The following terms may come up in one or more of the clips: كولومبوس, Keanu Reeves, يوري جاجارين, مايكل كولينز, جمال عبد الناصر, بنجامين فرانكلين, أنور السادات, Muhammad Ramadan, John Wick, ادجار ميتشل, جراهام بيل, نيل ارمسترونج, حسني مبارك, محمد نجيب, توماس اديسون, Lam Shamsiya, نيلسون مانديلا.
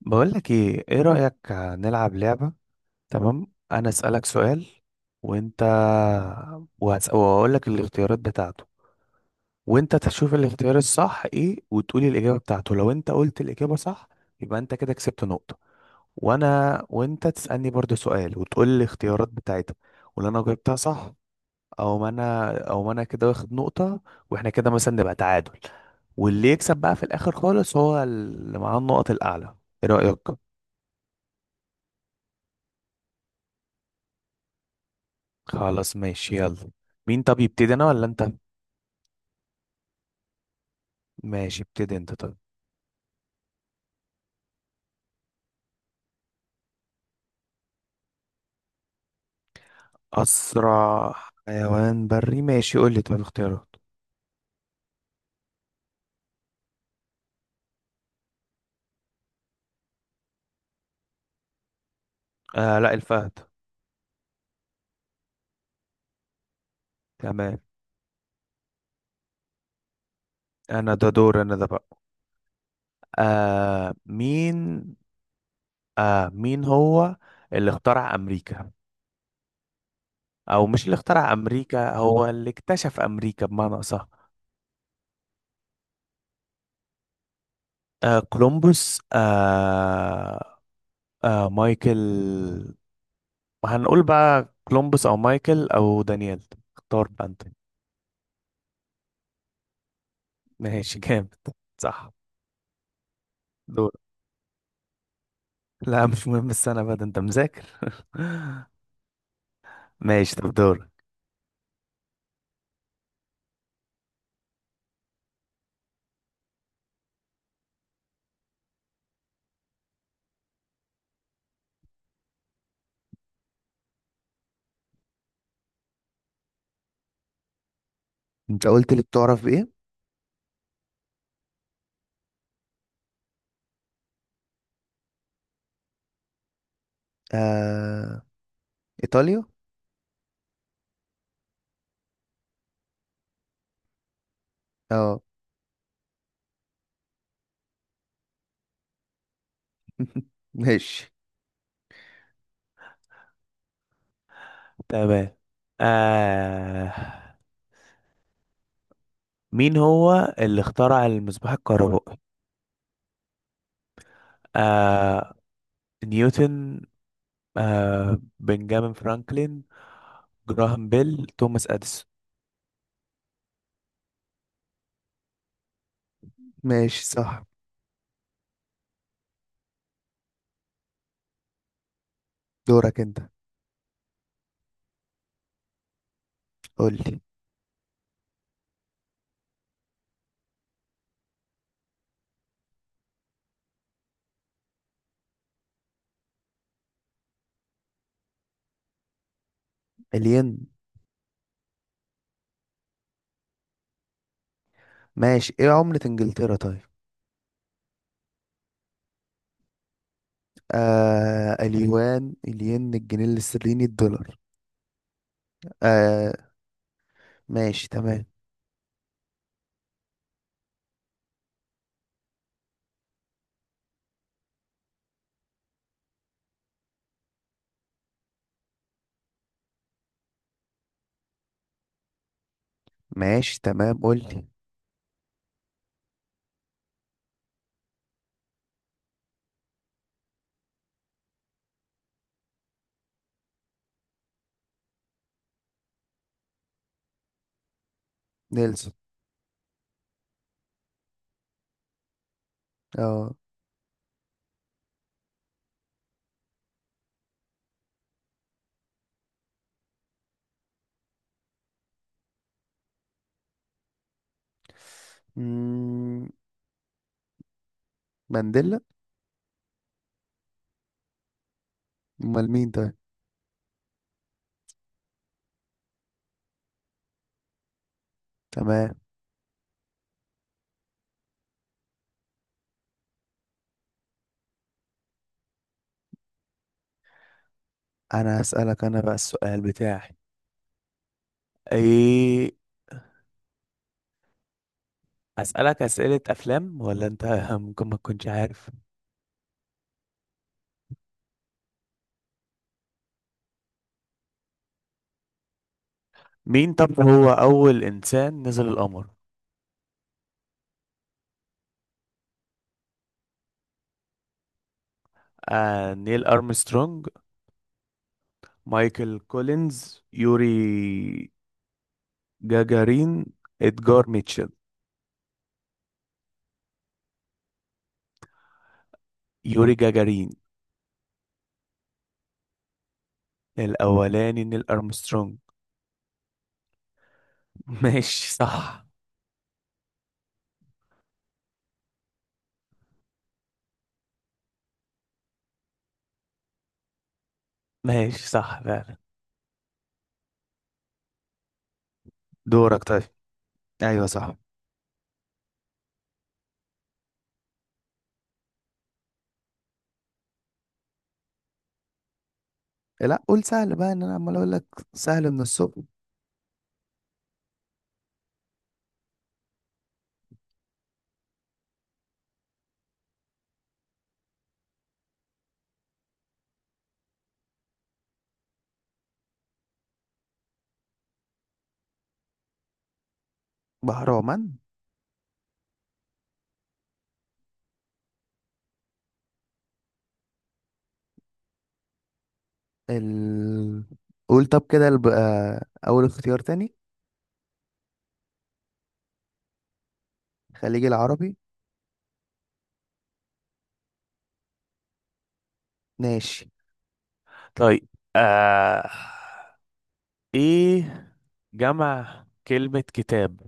بقولك ايه رأيك نلعب لعبة؟ تمام، انا اسألك سؤال وانت، وهقولك الاختيارات بتاعته، وانت تشوف الاختيار الصح ايه وتقولي الإجابة بتاعته. لو انت قلت الإجابة صح يبقى انت كده كسبت نقطة. وانت تسألني برضو سؤال وتقول الاختيارات بتاعتها، ولو انا جاوبتها صح او ما انا كده واخد نقطة. واحنا كده مثلا نبقى تعادل، واللي يكسب بقى في الآخر خالص هو اللي معاه النقط الأعلى. ايه رأيك؟ خلاص ماشي، يلا. مين طب يبتدي، انا ولا انت؟ ماشي، ابتدي انت طب. اسرع حيوان بري، ماشي، قول لي طب اختيارات. آه لا، الفهد. تمام. انا ده دور، انا ده بقى. آه مين آه، مين هو اللي اخترع امريكا؟ او مش اللي اخترع امريكا، هو اللي اكتشف امريكا بمعنى اصح. كولومبوس، مايكل. هنقول بقى كولومبوس او مايكل او دانيال، اختار بقى انت. ماشي جامد، صح. دور. لا مش مهم السنة بقى، ده انت مذاكر ماشي طب دور. انت قلت لي بتعرف بايه؟ آه... ايطاليا. اه. ماشي تمام. آه... مين هو اللي اخترع المصباح الكهربائي؟ آه... نيوتن، بنجامين فرانكلين، جراهام بيل، توماس اديسون. ماشي صح. دورك انت. قول لي. الين. ماشي، ايه عملة انجلترا طيب؟ آه، اليوان، الين، الجنيه الاسترليني، الدولار. آه، ماشي تمام. ماشي تمام، قول لي. نيلسون. اه. مم، مانديلا. امال مين طيب؟ تمام. انا هسألك انا بقى السؤال بتاعي. ايه؟ اسألك اسئلة افلام ولا انت ممكن ما تكونش عارف. مين طب هو اول انسان نزل القمر؟ آه، نيل ارمسترونج، مايكل كولينز، يوري جاجارين، ادجار ميتشل. يوري جاجارين. الأولاني نيل أرمسترونج. ماشي صح. ماشي صح فعلا. دورك طيب. ايوه صح. لا قول سهل بقى، ان انا عمال اقول لك سهل من الصبح. بهرمان. ال... قول طب كده، الب... آه، اول اختيار تاني. الخليج العربي. ماشي. طيب، آه... إيه جمع كلمة كتاب؟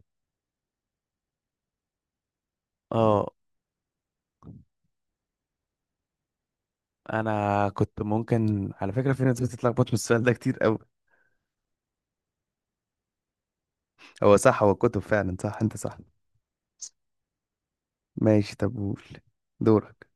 اه. أنا كنت ممكن على فكرة، في ناس بتتلخبط من السؤال ده كتير أوي. هو صح، هو كتب فعلا، صح انت صح. ماشي طب قول، دورك.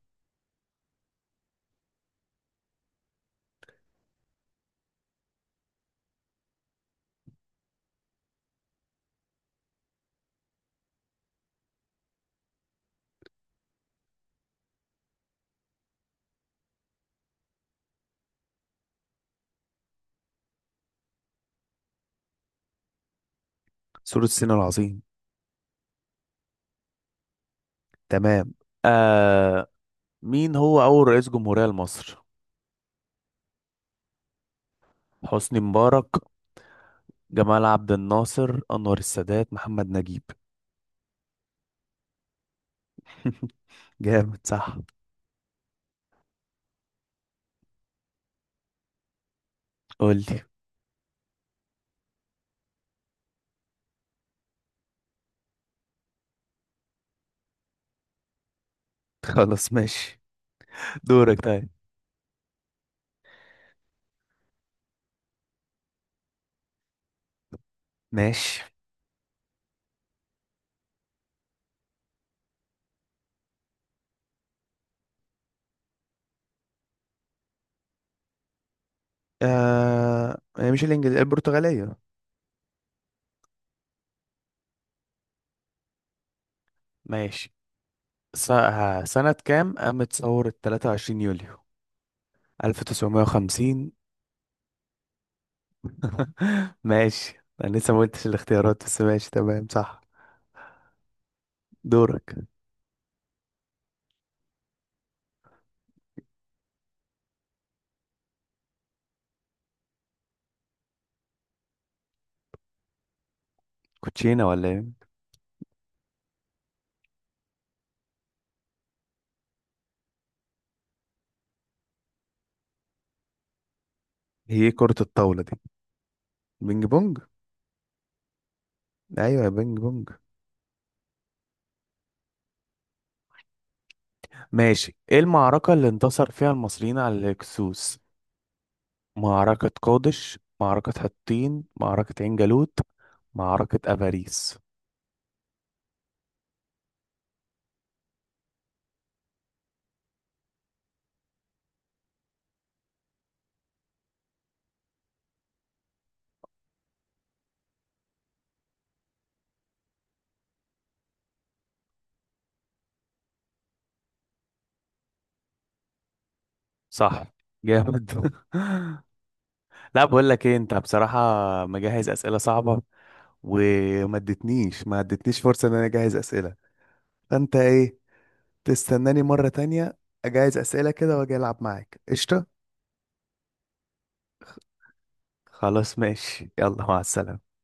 سور الصين العظيم. تمام. آه، مين هو أول رئيس جمهورية لمصر؟ حسني مبارك، جمال عبد الناصر، أنور السادات، محمد نجيب. جامد صح. قول لي. خلاص ماشي. دورك طيب. ماشي. آه، هي مش الإنجليزية، البرتغالية. ماشي. سنة كام قامت ثورة 23 يوليو 1950؟ ماشي، انا لسه ما قلتش الاختيارات، بس ماشي تمام صح. دورك. كوتشينه ولا ايه؟ هي كرة الطاولة دي بينج بونج. ايوه، يا بينج بونج. ماشي. ايه المعركة اللي انتصر فيها المصريين على الهكسوس؟ معركة قادش، معركة حطين، معركة عين جالوت، معركة افاريس. صح، جامد. لا، بقول لك ايه انت بصراحة، مجهز اسئلة صعبة، وما ادتنيش ما ادتنيش فرصة ان انا اجهز اسئلة. فانت ايه، تستناني مرة تانية أجهز أسئلة كده وأجي ألعب معاك؟ قشطة. خلاص ماشي، يلا، مع السلامة.